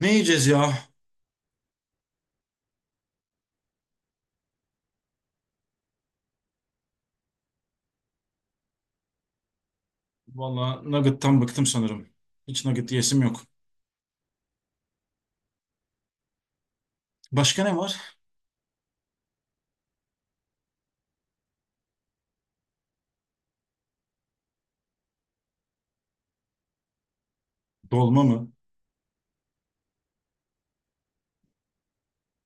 Ne yiyeceğiz ya? Valla nugget'tan bıktım sanırım. Hiç nugget yiyesim yok. Başka ne var? Dolma mı?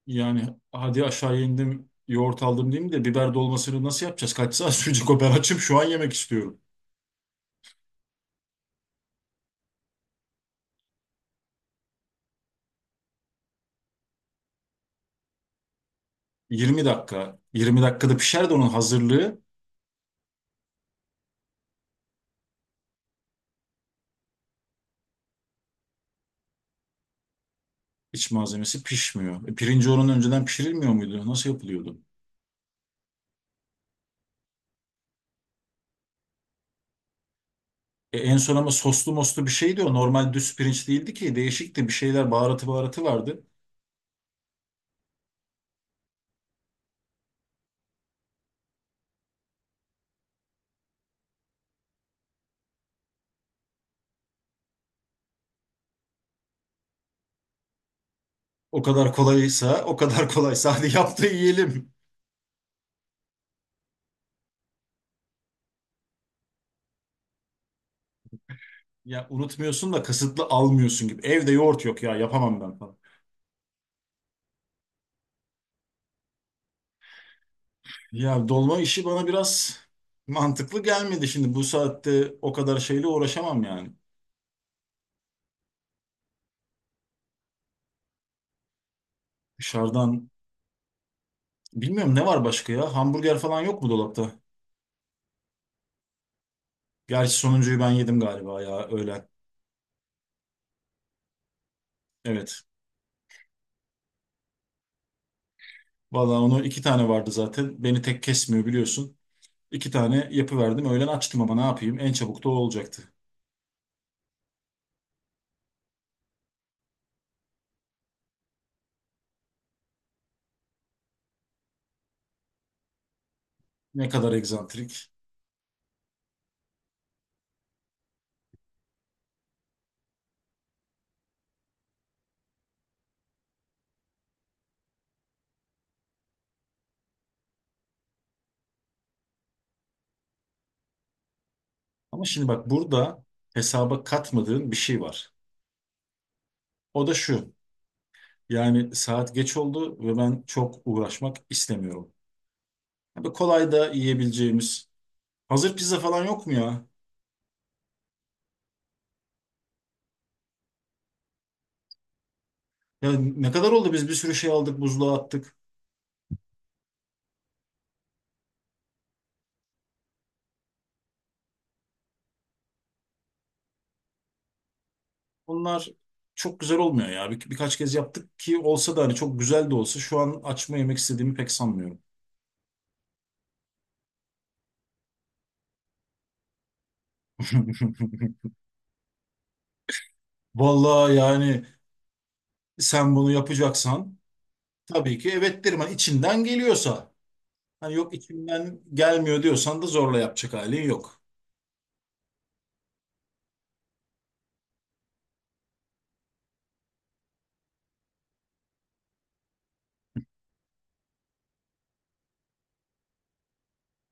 Yani hadi aşağı indim, yoğurt aldım diyeyim de biber dolmasını nasıl yapacağız? Kaç saat sürecek o? Ben açım şu an yemek istiyorum. 20 dakika. 20 dakikada pişer de onun hazırlığı. İç malzemesi pişmiyor. Pirinci onun önceden pişirilmiyor muydu? Nasıl yapılıyordu? En son ama soslu moslu bir şeydi o. Normal düz pirinç değildi ki. Değişikti. Bir şeyler baharatı vardı. O kadar kolaysa, o kadar kolaysa hadi yap da yiyelim. Ya unutmuyorsun da kasıtlı almıyorsun gibi. Evde yoğurt yok ya yapamam ben falan. Ya dolma işi bana biraz mantıklı gelmedi şimdi. Bu saatte o kadar şeyle uğraşamam yani. Dışarıdan bilmiyorum ne var başka ya? Hamburger falan yok mu dolapta? Gerçi sonuncuyu ben yedim galiba ya öğlen. Evet. Valla onu iki tane vardı zaten. Beni tek kesmiyor biliyorsun. İki tane yapıverdim. Öğlen açtım ama ne yapayım? En çabuk da o olacaktı. Ne kadar egzantrik. Ama şimdi bak burada hesaba katmadığın bir şey var. O da şu. Yani saat geç oldu ve ben çok uğraşmak istemiyorum. Böyle kolay da yiyebileceğimiz. Hazır pizza falan yok mu ya? Ya ne kadar oldu biz bir sürü şey aldık, buzluğa attık. Bunlar çok güzel olmuyor ya. Birkaç kez yaptık ki olsa da hani çok güzel de olsa şu an açma yemek istediğimi pek sanmıyorum. Vallahi yani sen bunu yapacaksan tabii ki evet derim. Hani içinden geliyorsa. Hani yok içimden gelmiyor diyorsan da zorla yapacak halin yok.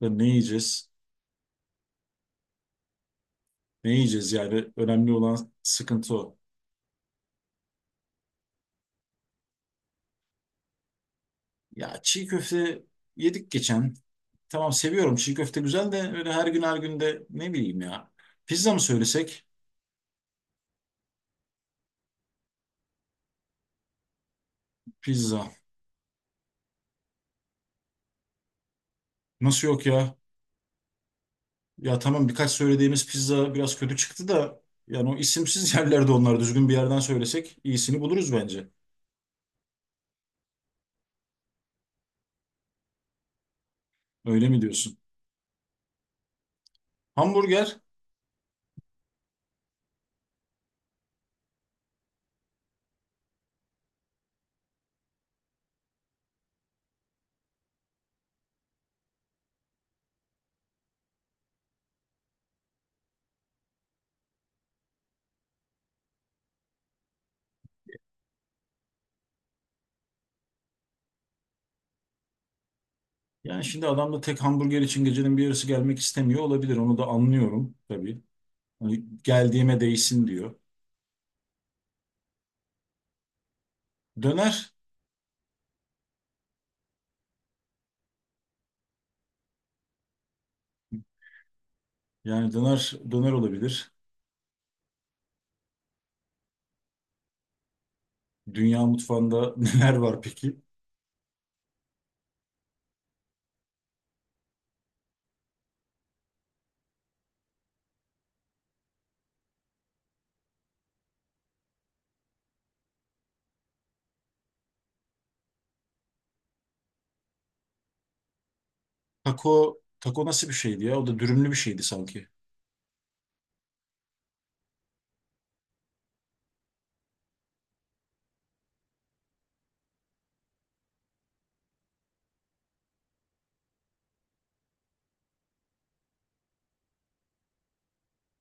Ya ne yiyeceğiz? Ne yiyeceğiz yani önemli olan sıkıntı o. Ya çiğ köfte yedik geçen. Tamam seviyorum çiğ köfte güzel de öyle her gün her gün de ne bileyim ya. Pizza mı söylesek? Pizza. Nasıl yok ya? Ya tamam birkaç söylediğimiz pizza biraz kötü çıktı da yani o isimsiz yerlerde onlar düzgün bir yerden söylesek iyisini buluruz bence. Öyle mi diyorsun? Hamburger yani şimdi adam da tek hamburger için gecenin bir yarısı gelmek istemiyor olabilir. Onu da anlıyorum tabii. Hani geldiğime değsin diyor. Döner yani döner olabilir. Dünya mutfağında neler var peki? Taco nasıl bir şeydi ya? O da dürümlü bir şeydi sanki.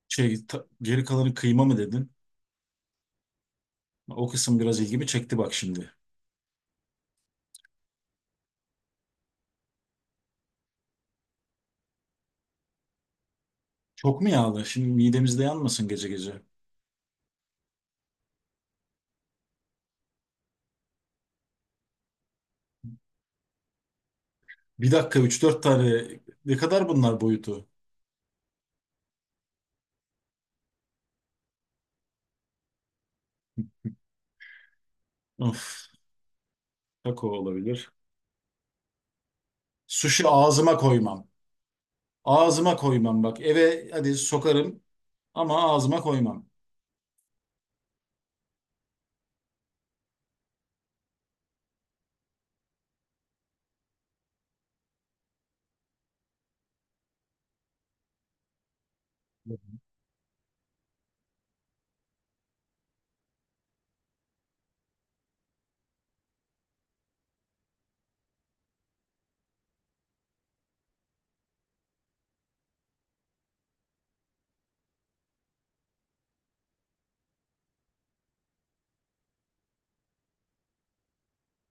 Geri kalanı kıyma mı dedin? O kısım biraz ilgimi çekti bak şimdi. Çok mu yağlı? Şimdi midemizde yanmasın gece gece. Bir dakika üç dört tane ne kadar bunlar boyutu? Of, taco olabilir. Sushi ağzıma koymam. Ağzıma koymam bak. Eve hadi sokarım ama ağzıma koymam.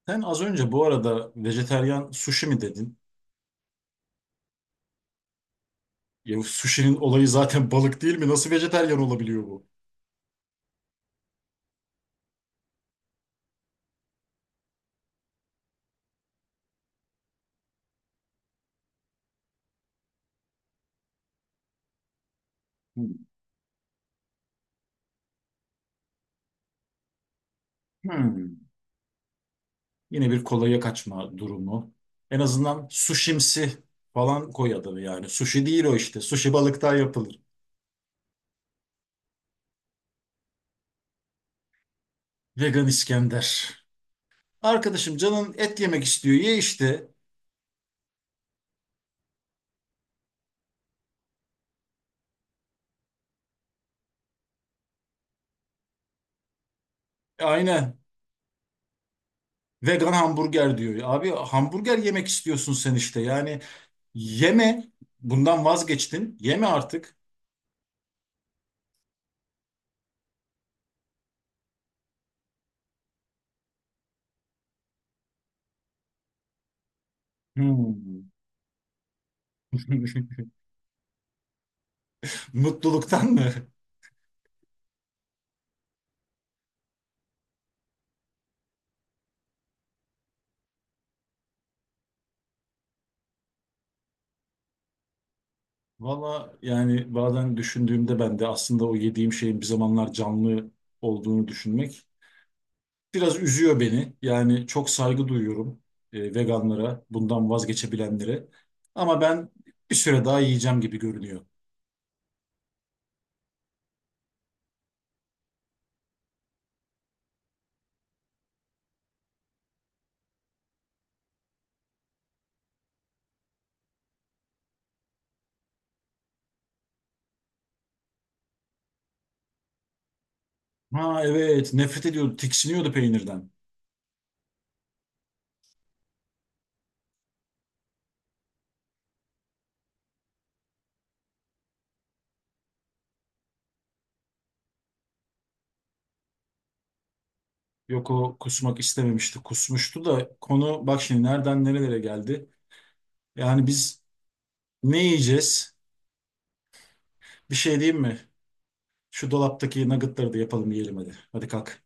Sen az önce bu arada vejeteryan sushi mi dedin? Ya sushi'nin olayı zaten balık değil mi? Nasıl vejeteryan olabiliyor bu? Hmm. Hmm. Yine bir kolaya kaçma durumu. En azından sushimsi falan koy adını yani. Sushi değil o işte. Sushi balıktan yapılır. Vegan İskender. Arkadaşım canın et yemek istiyor. Ye işte. Aynen. Vegan hamburger diyor. Abi hamburger yemek istiyorsun sen işte. Yani yeme. Bundan vazgeçtin. Yeme artık. Hmm. Mutluluktan mı? Valla yani bazen düşündüğümde ben de aslında o yediğim şeyin bir zamanlar canlı olduğunu düşünmek biraz üzüyor beni. Yani çok saygı duyuyorum veganlara, bundan vazgeçebilenlere. Ama ben bir süre daha yiyeceğim gibi görünüyor. Ha evet, nefret ediyordu, tiksiniyordu peynirden. Yok o kusmak istememişti, kusmuştu da konu bak şimdi nereden nerelere geldi. Yani biz ne yiyeceğiz? Bir şey diyeyim mi? Şu dolaptaki nuggetları da yapalım yiyelim hadi. Hadi kalk.